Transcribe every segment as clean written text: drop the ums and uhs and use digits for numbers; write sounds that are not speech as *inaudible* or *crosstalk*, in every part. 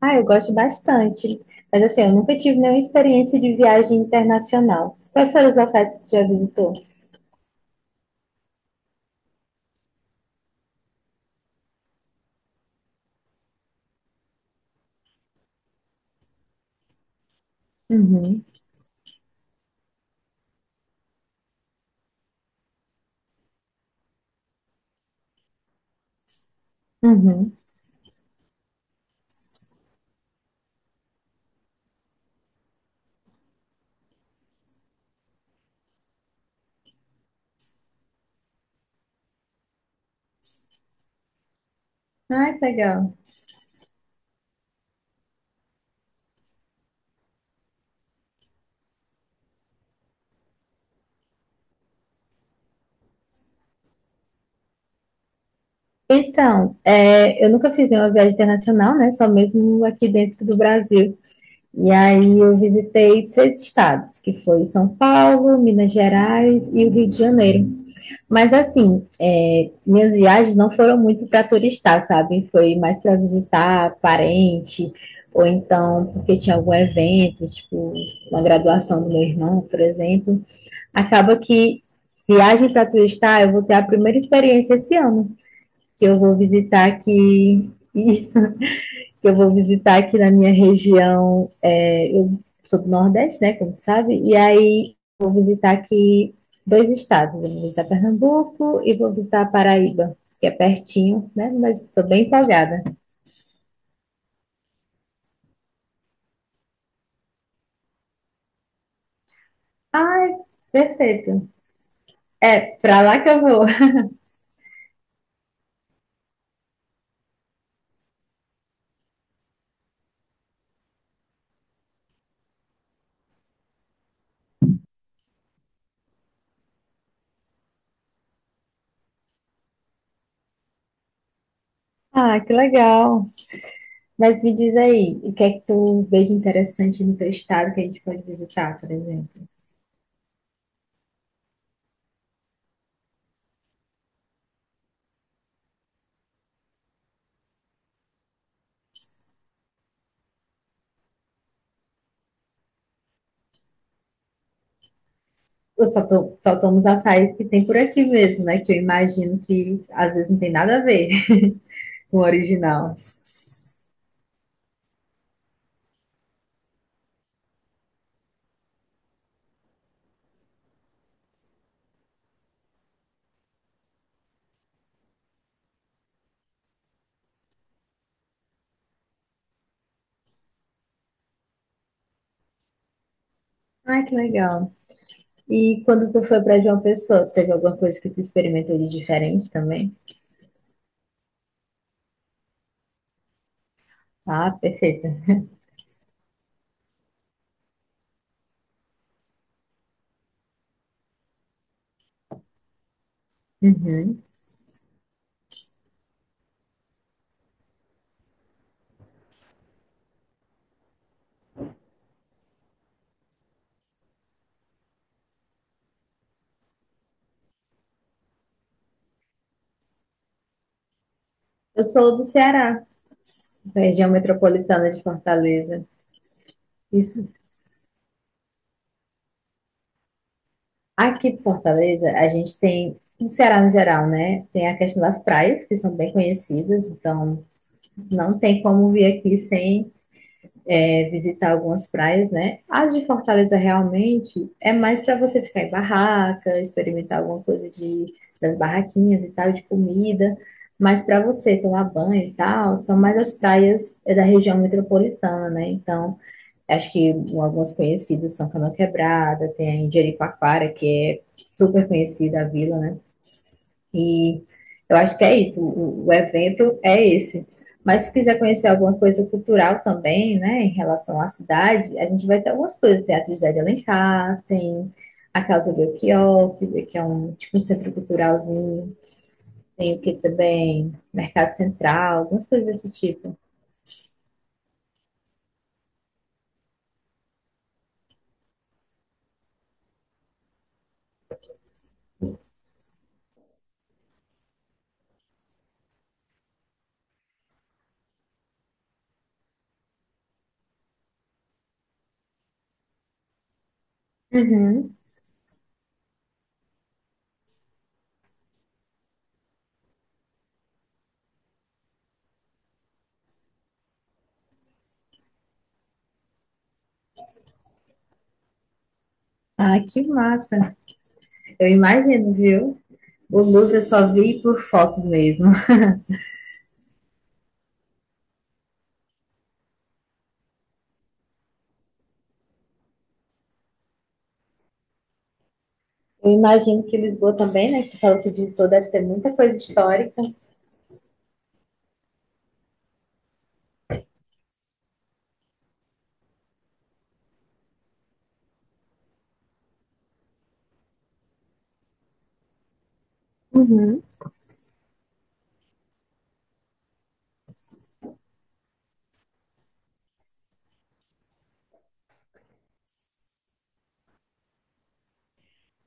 Ah, eu gosto bastante. Mas assim, eu nunca tive nenhuma experiência de viagem internacional. Quais foram os locais que tu já visitou? Uhum, uhum. Ai, que legal. Então, é, eu nunca fiz nenhuma viagem internacional, né? Só mesmo aqui dentro do Brasil. E aí eu visitei seis estados, que foi São Paulo, Minas Gerais e o Rio de Janeiro. Mas assim, é, minhas viagens não foram muito para turistar, sabe? Foi mais para visitar parente, ou então porque tinha algum evento, tipo uma graduação do meu irmão, por exemplo. Acaba que viagem para turistar, eu vou ter a primeira experiência esse ano, que eu vou visitar aqui isso que eu vou visitar aqui na minha região. É, eu sou do Nordeste, né? Como sabe. E aí vou visitar aqui dois estados. Eu vou visitar Pernambuco e vou visitar a Paraíba, que é pertinho, né? Mas estou bem empolgada. Ai, perfeito. É, pra lá que eu vou. *laughs* Ah, que legal. Mas me diz aí, o que é que tu vê de interessante no teu estado que a gente pode visitar, por exemplo? Eu só tomo os açaís que tem por aqui mesmo, né? Que eu imagino que às vezes não tem nada a ver. No original. Ai, que legal. E quando tu foi para João Pessoa, teve alguma coisa que tu experimentou de diferente também? Ah, perfeita. Uhum. Eu sou do Ceará, da região metropolitana de Fortaleza. Isso. Aqui em Fortaleza, a gente tem, no Ceará no geral, né? Tem a questão das praias, que são bem conhecidas, então não tem como vir aqui sem é visitar algumas praias, né? A de Fortaleza realmente é mais para você ficar em barraca, experimentar alguma coisa de, das barraquinhas e tal, de comida. Mas para você tomar banho e tal, são mais as praias é, da região metropolitana, né? Então, acho que algumas conhecidas são Canoa Quebrada, tem a Jericoacoara, que é super conhecida a vila, né? E eu acho que é isso, o evento é esse. Mas se quiser conhecer alguma coisa cultural também, né, em relação à cidade, a gente vai ter algumas coisas. Tem a Trindade de Alencar, tem a Casa Belchior, que é um tipo um centro culturalzinho. Tem o que também? Mercado Central, algumas coisas desse tipo. Uhum. Ah, que massa! Eu imagino, viu? O Louvre eu só vi por fotos mesmo. Eu imagino que Lisboa também, né? Que você falou que visitou, deve ter muita coisa histórica. Uhum.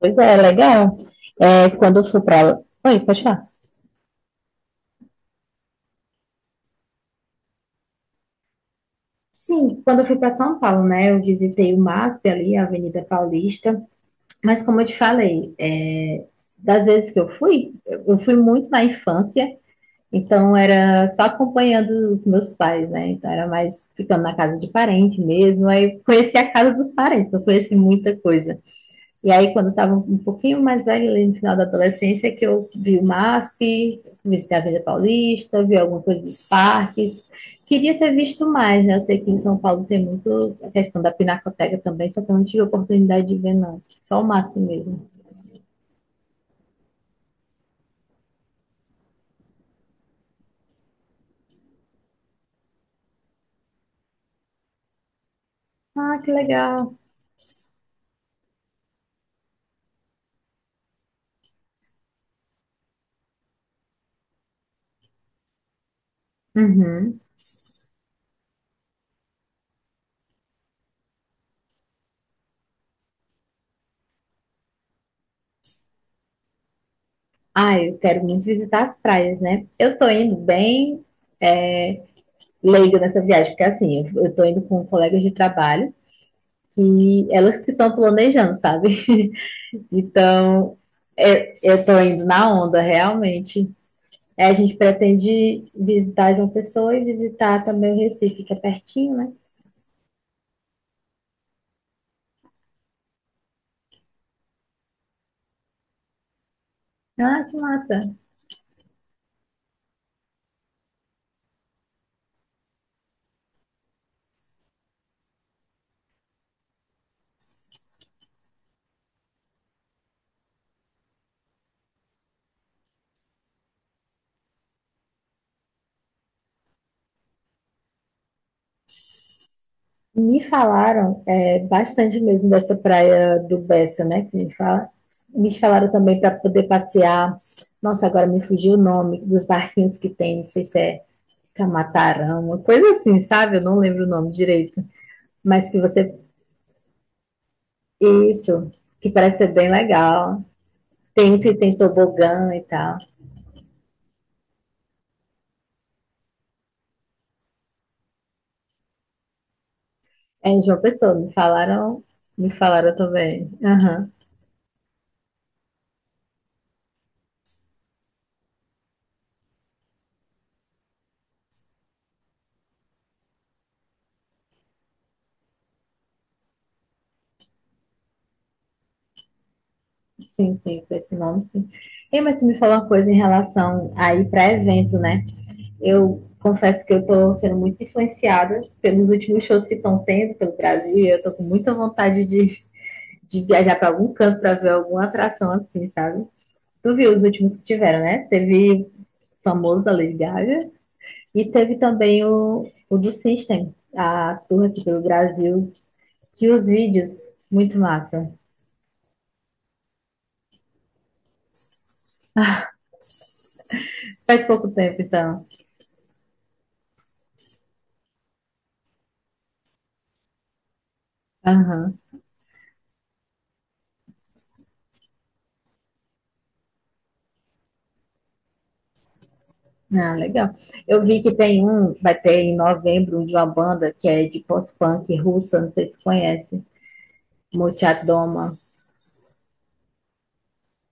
Pois é, legal. É, quando eu fui para. Oi, pode falar. Sim, quando eu fui para São Paulo, né, eu visitei o MASP ali, a Avenida Paulista, mas como eu te falei, é, das vezes que eu fui muito na infância, então era só acompanhando os meus pais, né, então era mais ficando na casa de parente mesmo, aí conheci a casa dos parentes, não conheci muita coisa. E aí, quando estava um pouquinho mais velho, ali no final da adolescência, que eu vi o MASP, visitei a Avenida Paulista, vi alguma coisa dos parques. Queria ter visto mais, né? Eu sei que em São Paulo tem muito a questão da pinacoteca também, só que eu não tive a oportunidade de ver, não. Só o MASP mesmo. Ah, que legal. Uhum. Ah, eu quero muito visitar as praias, né? Eu tô indo bem leigo nessa viagem, porque assim, eu tô indo com colegas de trabalho e elas que estão planejando, sabe? Então, é, eu estou indo na onda, realmente. É, a gente pretende visitar João Pessoa e visitar também o Recife, que é pertinho, né? Ah, que massa! Me falaram é, bastante mesmo dessa praia do Bessa, né? Que me fala. Me falaram também para poder passear. Nossa, agora me fugiu o nome dos barquinhos que tem, não sei se é Camatarão, uma coisa assim, sabe? Eu não lembro o nome direito. Mas que você. Isso, que parece ser bem legal. Tem se tem tobogã e tal. É em João Pessoa, me falaram também. Aham, sim, sim, com esse nome, sim. E mas tu me falou uma coisa em relação aí para evento, né? Eu confesso que eu tô sendo muito influenciada pelos últimos shows que estão tendo pelo Brasil, e eu tô com muita vontade de, viajar para algum canto para ver alguma atração assim, sabe? Tu viu os últimos que tiveram, né? Teve o famoso da Lady Gaga e teve também o do System, a tour aqui pelo Brasil que os vídeos, muito massa. Faz pouco tempo, então. Aham. Ah, legal. Eu vi que tem um, vai ter em novembro, um de uma banda que é de post-punk russa, não sei se tu conhece. Molchadoma.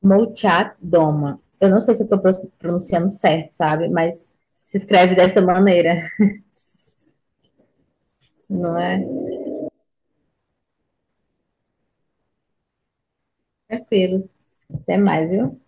Molchadoma. Eu não sei se eu tô pronunciando certo, sabe? Mas se escreve dessa maneira, não é? Tranquilo. Até mais, viu?